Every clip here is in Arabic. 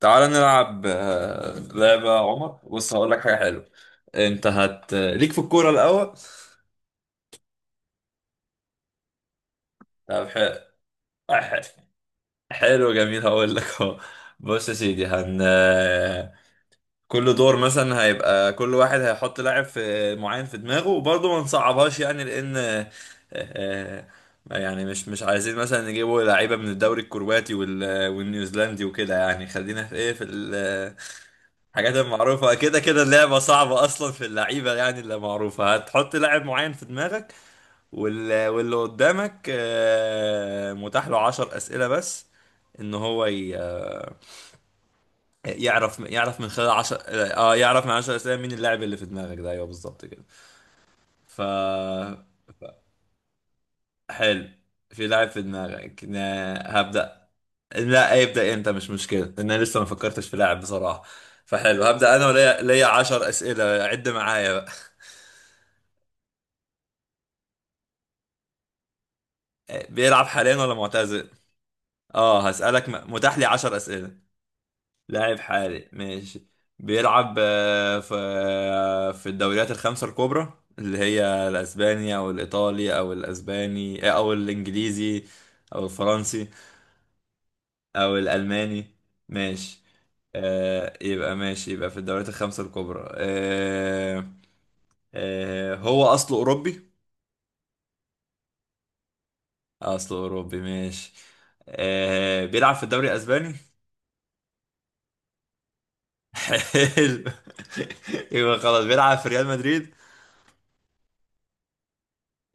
تعال نلعب لعبة يا عمر. بص، هقول لك حاجة حلوة. انت هت ليك في الكورة الأول. طب حلو. حلو. حلو جميل، هقول لك اهو. بص يا سيدي، هن آه، كل دور مثلا هيبقى كل واحد هيحط لاعب معين في دماغه، وبرضه ما نصعبهاش يعني، لأن آه، يعني مش عايزين مثلا نجيبوا لعيبة من الدوري الكرواتي والنيوزيلندي وكده، يعني خلينا في ايه، في حاجات معروفة. كده كده اللعبة صعبة أصلا في اللعيبة، يعني اللي معروفة هتحط لاعب معين في دماغك. واللي قدامك متاح له 10 أسئلة بس، إن هو يعرف من خلال 10. آه يعرف من 10 أسئلة مين اللاعب اللي في دماغك ده. أيوه بالظبط كده. ف حلو، في لاعب في دماغك. هبدأ. لا ابدأ أنت، مش مشكلة، لأن أنا لسه ما فكرتش في لاعب بصراحة. فحلو، هبدأ أنا وليا، ليا 10 أسئلة، عد معايا. بيلعب حاليا ولا معتزل؟ اه هسألك، متاح لي 10 أسئلة. لاعب حالي ماشي. بيلعب في الدوريات الخمسة الكبرى، اللي هي الأسباني أو الإيطالي أو الأسباني أو الإنجليزي أو الفرنسي أو الألماني. ماشي. آه يبقى ماشي، يبقى في الدوريات الخمسة الكبرى. آه آه هو أصله أوروبي. أصله أوروبي ماشي. آه بيلعب في الدوري الأسباني. حلو. يبقى خلاص بيلعب في ريال مدريد.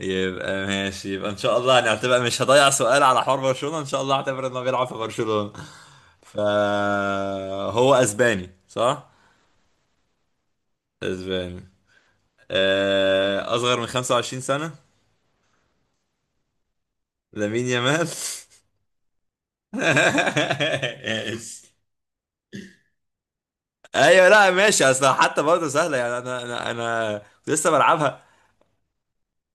يبقى ماشي، يبقى ان شاء الله هنعتبر، مش هضيع سؤال على حوار برشلونة، ان شاء الله هعتبر انه بيلعب في برشلونة. فهو اسباني صح؟ اسباني. اصغر من 25 سنة. لامين يامال. ايوه لا ماشي، اصل حتى برضه سهله يعني، انا كنت لسه بلعبها.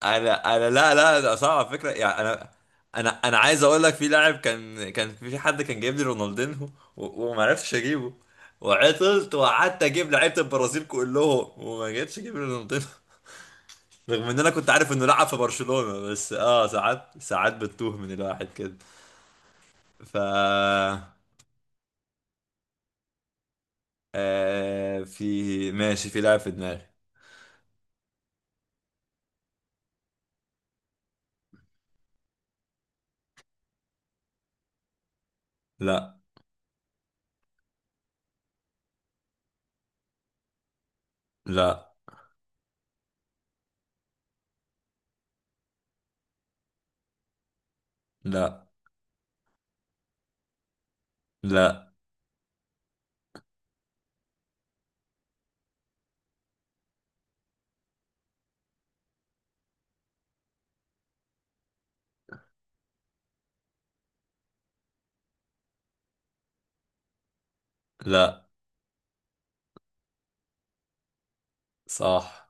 انا لا لا ده صعب على فكره يعني، انا. انا عايز اقول لك في لاعب، كان في حد كان جايب لي رونالدينهو، و- وما عرفتش اجيبه. وعطلت وقعدت اجيب لعيبه البرازيل كلهم وما جيتش اجيب رونالدينهو، رغم ان انا كنت عارف انه لعب في برشلونه، بس اه ساعات، ساعات بتوه من الواحد كده. ف آه في ماشي، في لاعب في دماغي. لا. لا. لا. لا. لا. صح.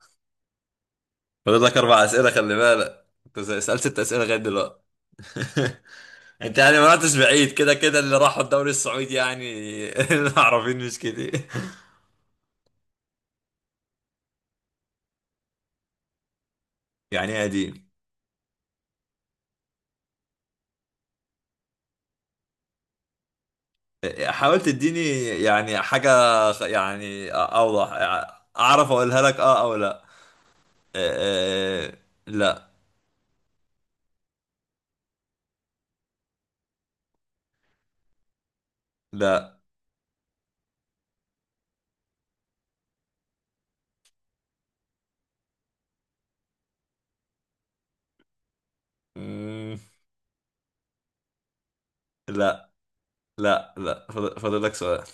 فاضل لك اربع اسئله، خلي بالك انت سالت ست اسئله لغايه دلوقتي. انت يعني ما رحتش بعيد، كده كده اللي راحوا الدوري السعودي يعني. العربيين مش كتير. يعني ايه قديم؟ حاول تديني يعني حاجه، يعني اوضح اعرف اقولها لك اه او لا. آه، آه، لا. لا. مم، لا. لا لا فاضل فاضل لك سؤال.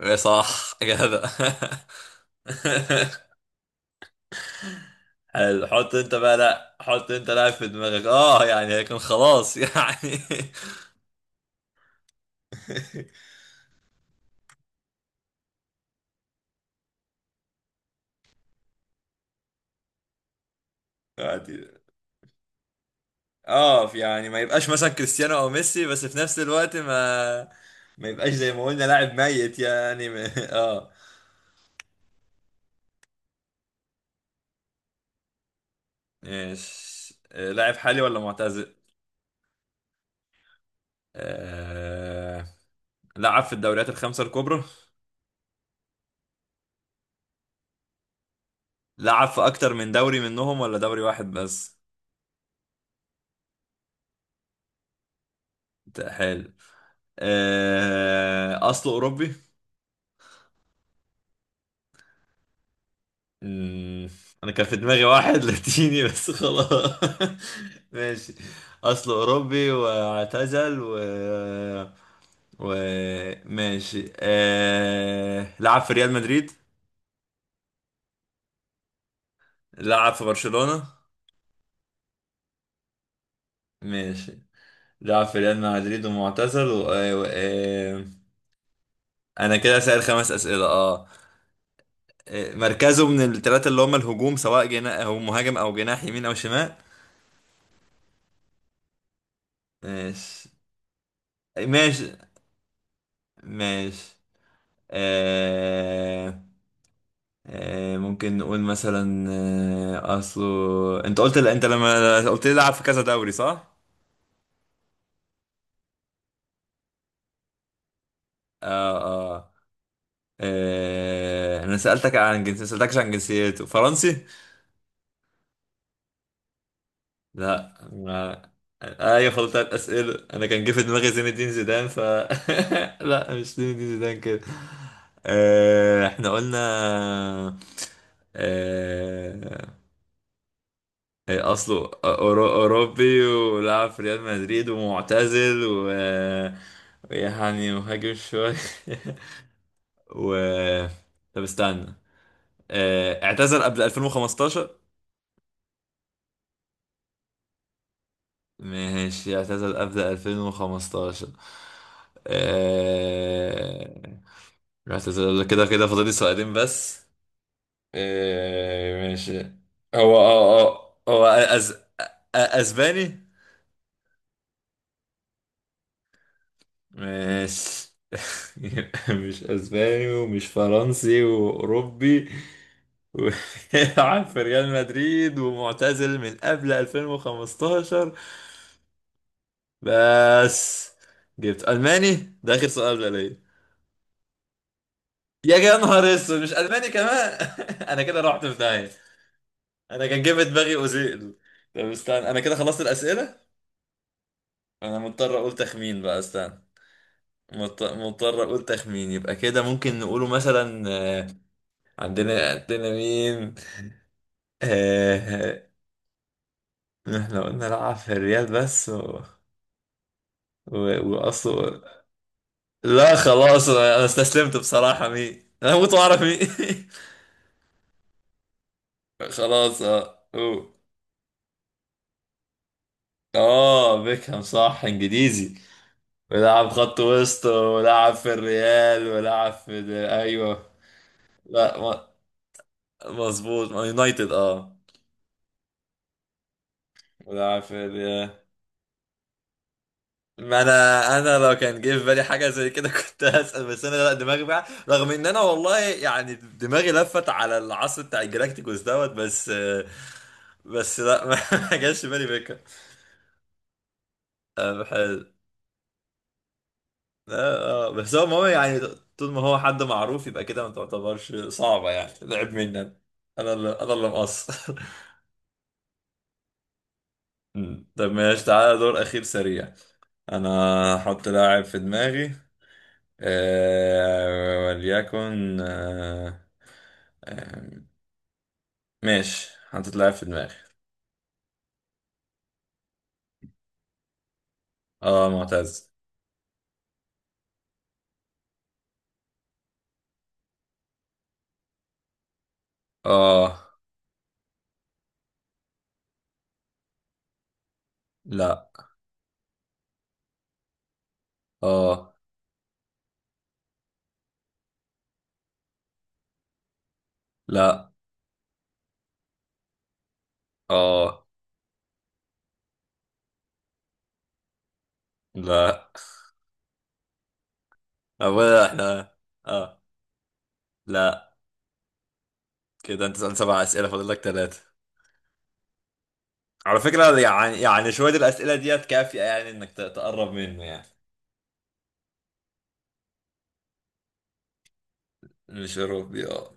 ايه صح كده. حلو. حط انت بقى. لا حط انت لاعب في دماغك، اه يعني لكن خلاص يعني. يعني- اه يعني ما يبقاش مثلا كريستيانو او ميسي، بس في نفس الوقت ما يبقاش زي ما قلنا لاعب ميت يعني اه. ماشي لاعب حالي ولا معتزل؟ آه... لعب في الدوريات الخمسة الكبرى. لعب في اكتر من دوري منهم ولا دوري واحد بس؟ حلو. اصله اوروبي. مم. انا كان في دماغي واحد لاتيني بس خلاص. ماشي، اصله اوروبي واعتزل و ماشي. لعب في ريال مدريد. لعب في برشلونة. ماشي. لعب في ريال مدريد ومعتزل انا كده سائل خمس اسئلة اه. مركزه من الثلاثة اللي هم الهجوم، سواء جناح او مهاجم او جناح يمين او شمال. ماشي. ماشي. ماشي. آه. آه ممكن نقول مثلا، آه اصله، انت قلت، انت لما قلت لي لعب في كذا دوري صح؟ آه آه, انا سألتك عن جنسيته، سألتكش عن جنسيته، فرنسي؟ لا ما. ايوه خلطت اسئله. انا كان جه في دماغي زين الدين زيدان، ف لا مش زين الدين زيدان كده. آه احنا قلنا آه إيه اصله اوروبي ولعب في ريال مدريد ومعتزل و يعني مهاجم شوية. و طب استنى، اعتزل قبل 2015. ماشي اعتزل قبل 2015. آه، اعتزل قبل كده. كده فاضل لي سؤالين بس. ماشي. هو اه اه هو أ- اسباني؟ ماشي. يبقى مش اسباني ومش فرنسي، واوروبي وبيلعب في ريال مدريد ومعتزل من قبل 2015 بس. جبت الماني ده اخر سؤال بقى ليا. يا يا نهار اسود، مش الماني كمان. انا كده رحت في داهيه. انا كان جاي في دماغي اوزيل. طب استنى انا كده خلصت الاسئله. انا مضطر اقول تخمين بقى، استنى. مضطر اقول تخمين، يبقى كده ممكن نقوله مثلا عندنا، عندنا مين؟ آه آه، احنا قلنا العب في الريال بس و... واصله. لا خلاص انا، أنا استسلمت بصراحة، مين؟ انا هموت واعرف مين. خلاص اه أوه. اه بيكهام، صح انجليزي، ولعب خط وسط، ولعب في الريال، ولعب في ايوه. لا مظبوط ما يونايتد اه. ولعب في الريال. ما انا، انا لو كان جه في بالي حاجه زي كده كنت هسال، بس انا لا دماغي بقى، رغم ان انا والله يعني دماغي لفت على العصر بتاع الجلاكتيكوس دوت، بس. بس لا ما جاش في بالي فكره. حلو. بس هو المهم يعني طول ما هو حد معروف، يبقى كده ما تعتبرش صعبه. يعني لعب مني انا، انا اللي مقصر. مم. طب ماشي، تعالى دور اخير سريع. انا هحط لاعب في دماغي، وليكن آه، ماشي حطيت لاعب في دماغي. اه معتز. اه. لا. اه. لا. اه. لا. اولا احنا اه. لا كده، انت سألت سبع اسئله، فاضل لك ثلاثه على فكره، يعني شويه الاسئله ديت كافيه يعني انك تقرب منه يعني. مش اوروبي اه.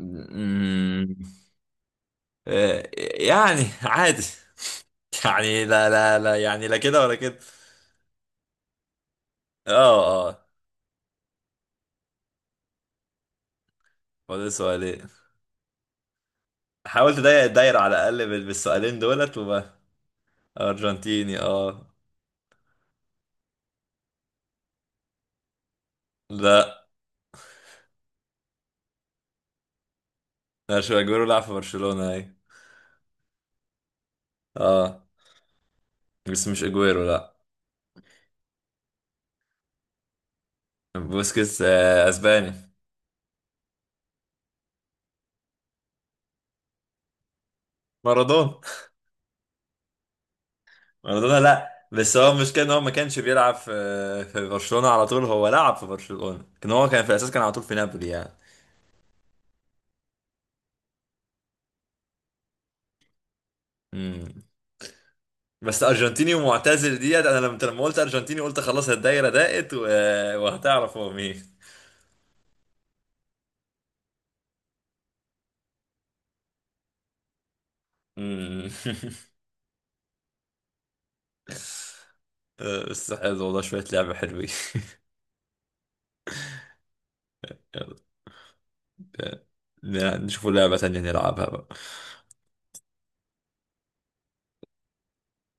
أمم، آه، يعني عادي. يعني لا لا لا، يعني لا كده ولا كده. اه اه. فاضل سؤالين. حاولت اضيق الدايرة على الأقل بالسؤالين دولت وبقى. أرجنتيني اه. لا مش اجويرو، لعب في برشلونة اي. اه بس مش اجويرو لا. بوسكيتس اسباني. مارادونا. مارادونا لا، بس هو المشكلة ان هو ما كانش بيلعب في برشلونة على طول، هو لعب في برشلونة، كان هو كان في الأساس كان على طول في نابولي يعني. امم. بس أرجنتيني ومعتزل ديت، أنا لما، قلت أرجنتيني قلت خلاص الدايرة ضاقت وهتعرف هو مين. امم. بس حلو والله، شوية لعبة حلوين. يلا، نشوفوا لعبة تانية نلعبها بقى.